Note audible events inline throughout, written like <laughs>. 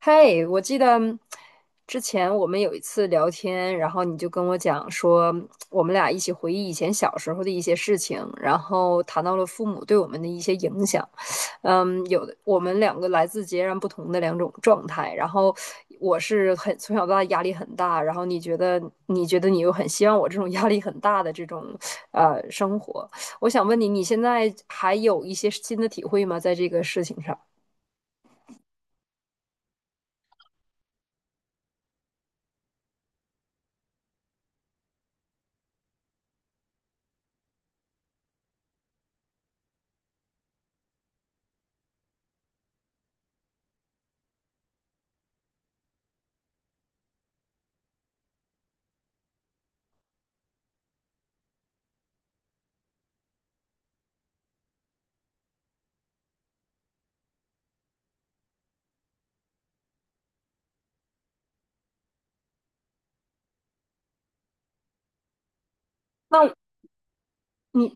嘿，我记得之前我们有一次聊天，然后你就跟我讲说，我们俩一起回忆以前小时候的一些事情，然后谈到了父母对我们的一些影响。嗯，有的我们两个来自截然不同的两种状态，然后我是很从小到大压力很大，然后你觉得你又很希望我这种压力很大的这种生活，我想问你，你现在还有一些新的体会吗？在这个事情上？那你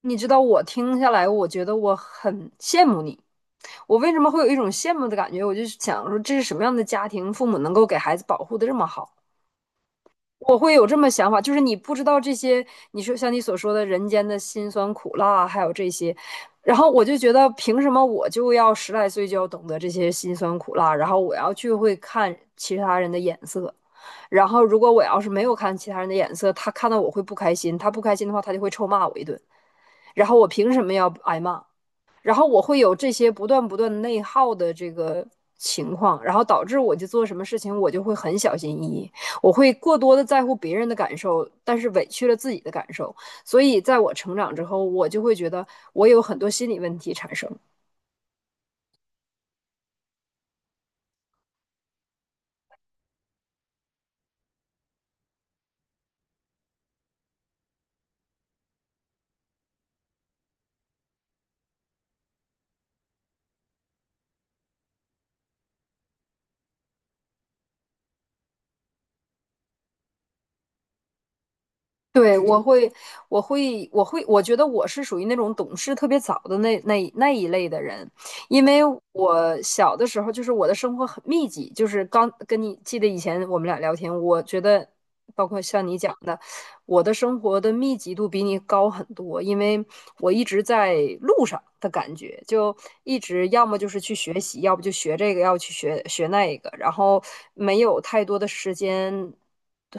你知道我听下来，我觉得我很羡慕你。我为什么会有一种羡慕的感觉？我就想说，这是什么样的家庭，父母能够给孩子保护的这么好？我会有这么想法，就是你不知道这些，你说像你所说的人间的辛酸苦辣，还有这些，然后我就觉得，凭什么我就要十来岁就要懂得这些辛酸苦辣？然后我要去会看其他人的眼色，然后如果我要是没有看其他人的眼色，他看到我会不开心，他不开心的话，他就会臭骂我一顿，然后我凭什么要挨骂？然后我会有这些不断不断内耗的这个情况，然后导致我就做什么事情我就会很小心翼翼，我会过多的在乎别人的感受，但是委屈了自己的感受。所以在我成长之后，我就会觉得我有很多心理问题产生。对，我会，我觉得我是属于那种懂事特别早的那一类的人，因为我小的时候就是我的生活很密集，就是刚跟你记得以前我们俩聊天，我觉得包括像你讲的，我的生活的密集度比你高很多，因为我一直在路上的感觉，就一直要么就是去学习，要不就学这个，要不去学那个，然后没有太多的时间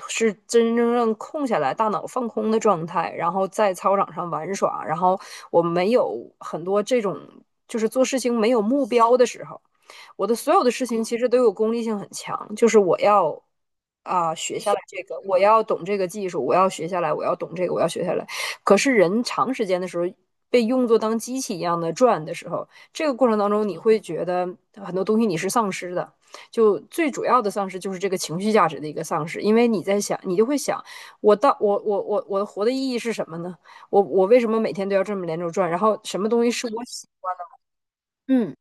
是真真正正空下来，大脑放空的状态，然后在操场上玩耍，然后我没有很多这种就是做事情没有目标的时候。我的所有的事情其实都有功利性很强，就是我要啊、学下来这个，我要懂这个技术，我要学下来，我要懂这个，我要学下来。可是人长时间的时候被用作当机器一样的转的时候，这个过程当中你会觉得很多东西你是丧失的。就最主要的丧失就是这个情绪价值的一个丧失，因为你在想，你就会想，我到我活的意义是什么呢？我为什么每天都要这么连轴转？然后什么东西是我喜欢。嗯。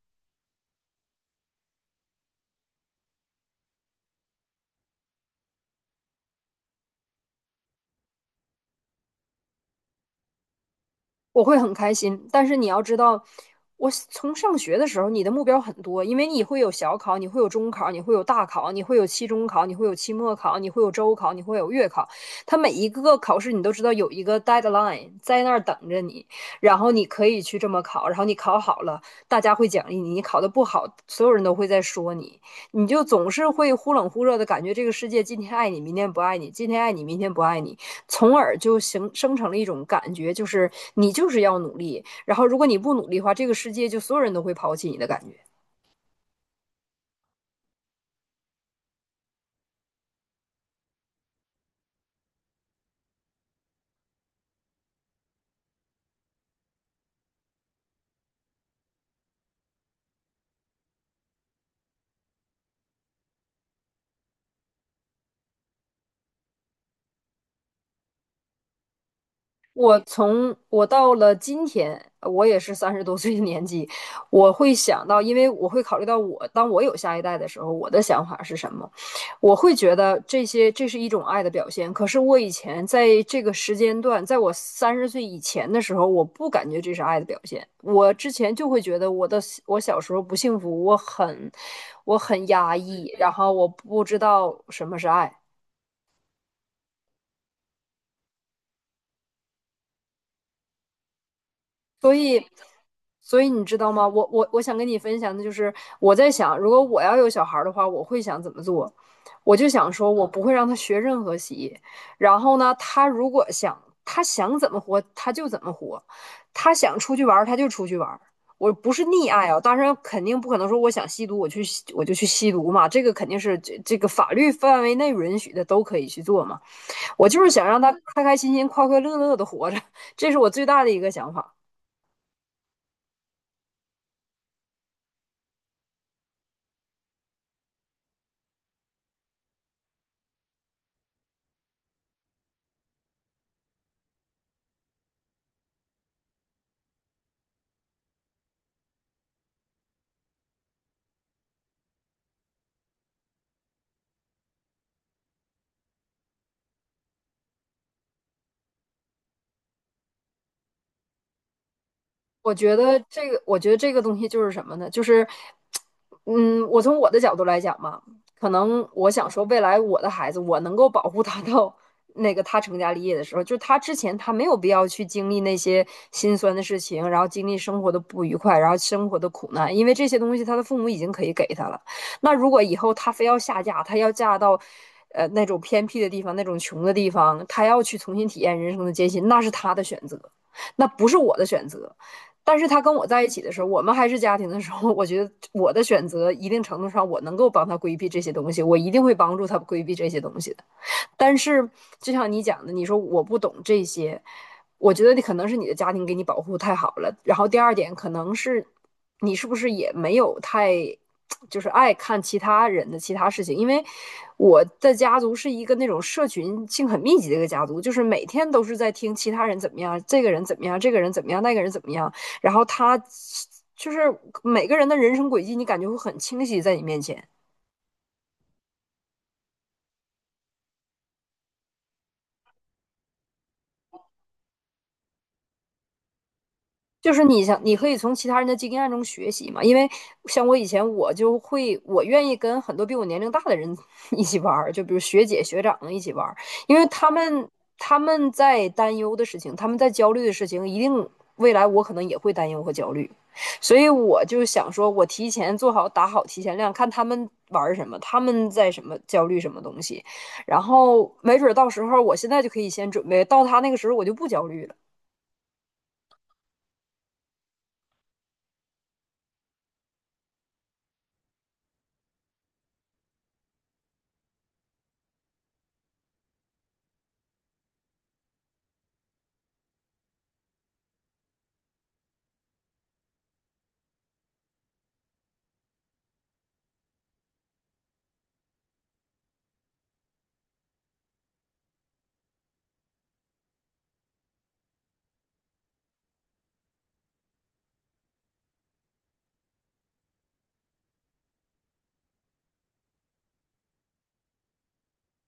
我会很开心，但是你要知道，我从上学的时候，你的目标很多，因为你会有小考，你会有中考，你会有大考，你会有期中考，你会有期末考，你会有周考，你会有月考。它每一个考试，你都知道有一个 deadline 在那儿等着你，然后你可以去这么考，然后你考好了，大家会奖励你；你考的不好，所有人都会在说你，你就总是会忽冷忽热的感觉，这个世界今天爱你，明天不爱你；今天爱你，明天不爱你。从而就形生成了一种感觉，就是你就是要努力，然后如果你不努力的话，这个世界就所有人都会抛弃你的感觉。我从我到了今天，我也是三十多岁的年纪，我会想到，因为我会考虑到我，当我有下一代的时候，我的想法是什么？我会觉得这些这是一种爱的表现。可是我以前在这个时间段，在我三十岁以前的时候，我不感觉这是爱的表现。我之前就会觉得我的我小时候不幸福，我很压抑，然后我不知道什么是爱。所以，所以你知道吗？我我想跟你分享的就是，我在想，如果我要有小孩儿的话，我会想怎么做？我就想说，我不会让他学任何习然后呢，他如果想他想怎么活，他就怎么活；他想出去玩儿，他就出去玩儿。我不是溺爱啊，当然肯定不可能说我想吸毒，我去吸我就去吸毒嘛，这个肯定是这个法律范围内允许的都可以去做嘛。我就是想让他开开心心、快快乐乐的活着，这是我最大的一个想法。我觉得这个东西就是什么呢？就是，嗯，我从我的角度来讲嘛，可能我想说，未来我的孩子，我能够保护他 <laughs> 到那个他成家立业的时候，就是他之前他没有必要去经历那些心酸的事情，然后经历生活的不愉快，然后生活的苦难，因为这些东西他的父母已经可以给他了。那如果以后他非要下嫁，他要嫁到。那种偏僻的地方，那种穷的地方，他要去重新体验人生的艰辛，那是他的选择，那不是我的选择。但是他跟我在一起的时候，我们还是家庭的时候，<laughs> 我觉得我的选择一定程度上我能够帮他规避这些东西，我一定会帮助他规避这些东西的。但是就像你讲的，你说我不懂这些，我觉得你可能是你的家庭给你保护太好了。然后第二点，可能是你是不是也没有太就是爱看其他人的其他事情？因为我的家族是一个那种社群性很密集的一个家族，就是每天都是在听其他人怎么样，这个人怎么样，这个人怎么样，那个人怎么样，然后他就是每个人的人生轨迹，你感觉会很清晰在你面前。就是你想，你可以从其他人的经验中学习嘛。因为像我以前，我就会，我愿意跟很多比我年龄大的人 <laughs> 一起玩儿，就比如学姐、学长一起玩儿，因为他们在担忧的事情，他们在焦虑的事情，一定未来我可能也会担忧和焦虑，所以我就想说，我提前做好打好提前量，看他们玩儿什么，他们在什么焦虑什么东西，然后没准儿到时候我现在就可以先准备，到他那个时候我就不焦虑了。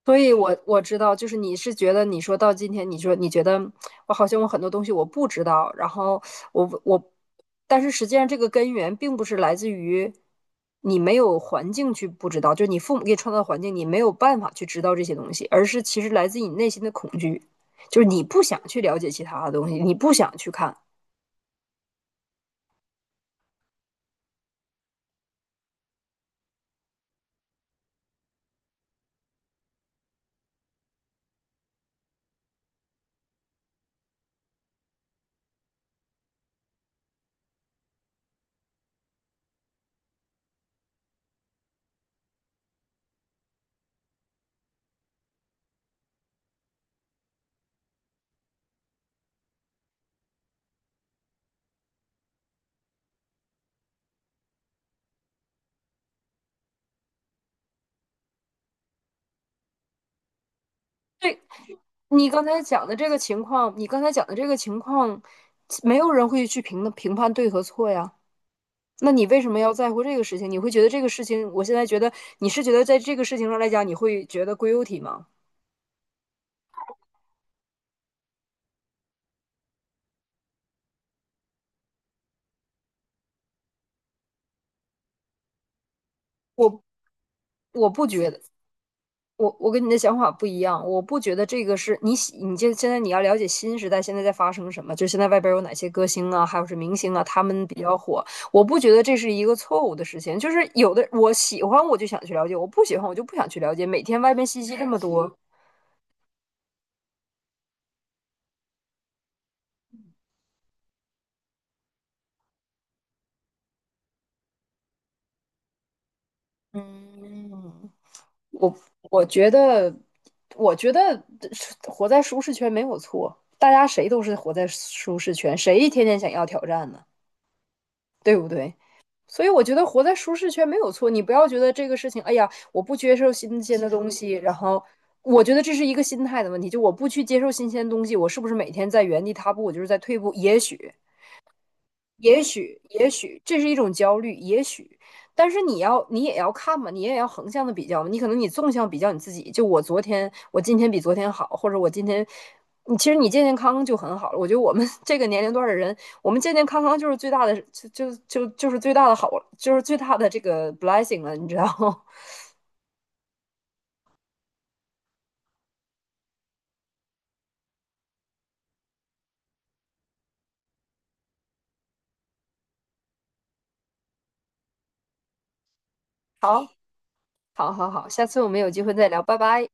所以我，我知道，就是你是觉得，你说到今天，你说你觉得我好像我很多东西我不知道，然后我我，但是实际上这个根源并不是来自于你没有环境去不知道，就是你父母给你创造的环境，你没有办法去知道这些东西，而是其实来自你内心的恐惧，就是你不想去了解其他的东西，你不想去看。对，你刚才讲的这个情况，没有人会去评判对和错呀。那你为什么要在乎这个事情？你会觉得这个事情，我现在觉得你是觉得在这个事情上来讲，你会觉得 g u 体吗？我我不觉得，我跟你的想法不一样，我不觉得这个是你喜你现在你要了解新时代现在在发生什么，就现在外边有哪些歌星啊，还有是明星啊，他们比较火，我不觉得这是一个错误的事情，就是有的我喜欢我就想去了解，我不喜欢我就不想去了解，每天外边信息这么多，嗯，我我觉得，我觉得活在舒适圈没有错，大家谁都是活在舒适圈，谁天天想要挑战呢？对不对？所以我觉得活在舒适圈没有错，你不要觉得这个事情，哎呀，我不接受新鲜的东西，然后我觉得这是一个心态的问题，就我不去接受新鲜的东西，我是不是每天在原地踏步，我就是在退步？也许，也许这是一种焦虑，也许，但是你要，你也要看嘛，你也要横向的比较嘛。你可能你纵向比较你自己，就我昨天，我今天比昨天好，或者我今天，你其实你健健康康就很好了。我觉得我们这个年龄段的人，我们健健康康就是最大的，就是最大的好，就是最大的这个 blessing 了，你知道吗？<laughs> 好，好，好，下次我们有机会再聊，拜拜。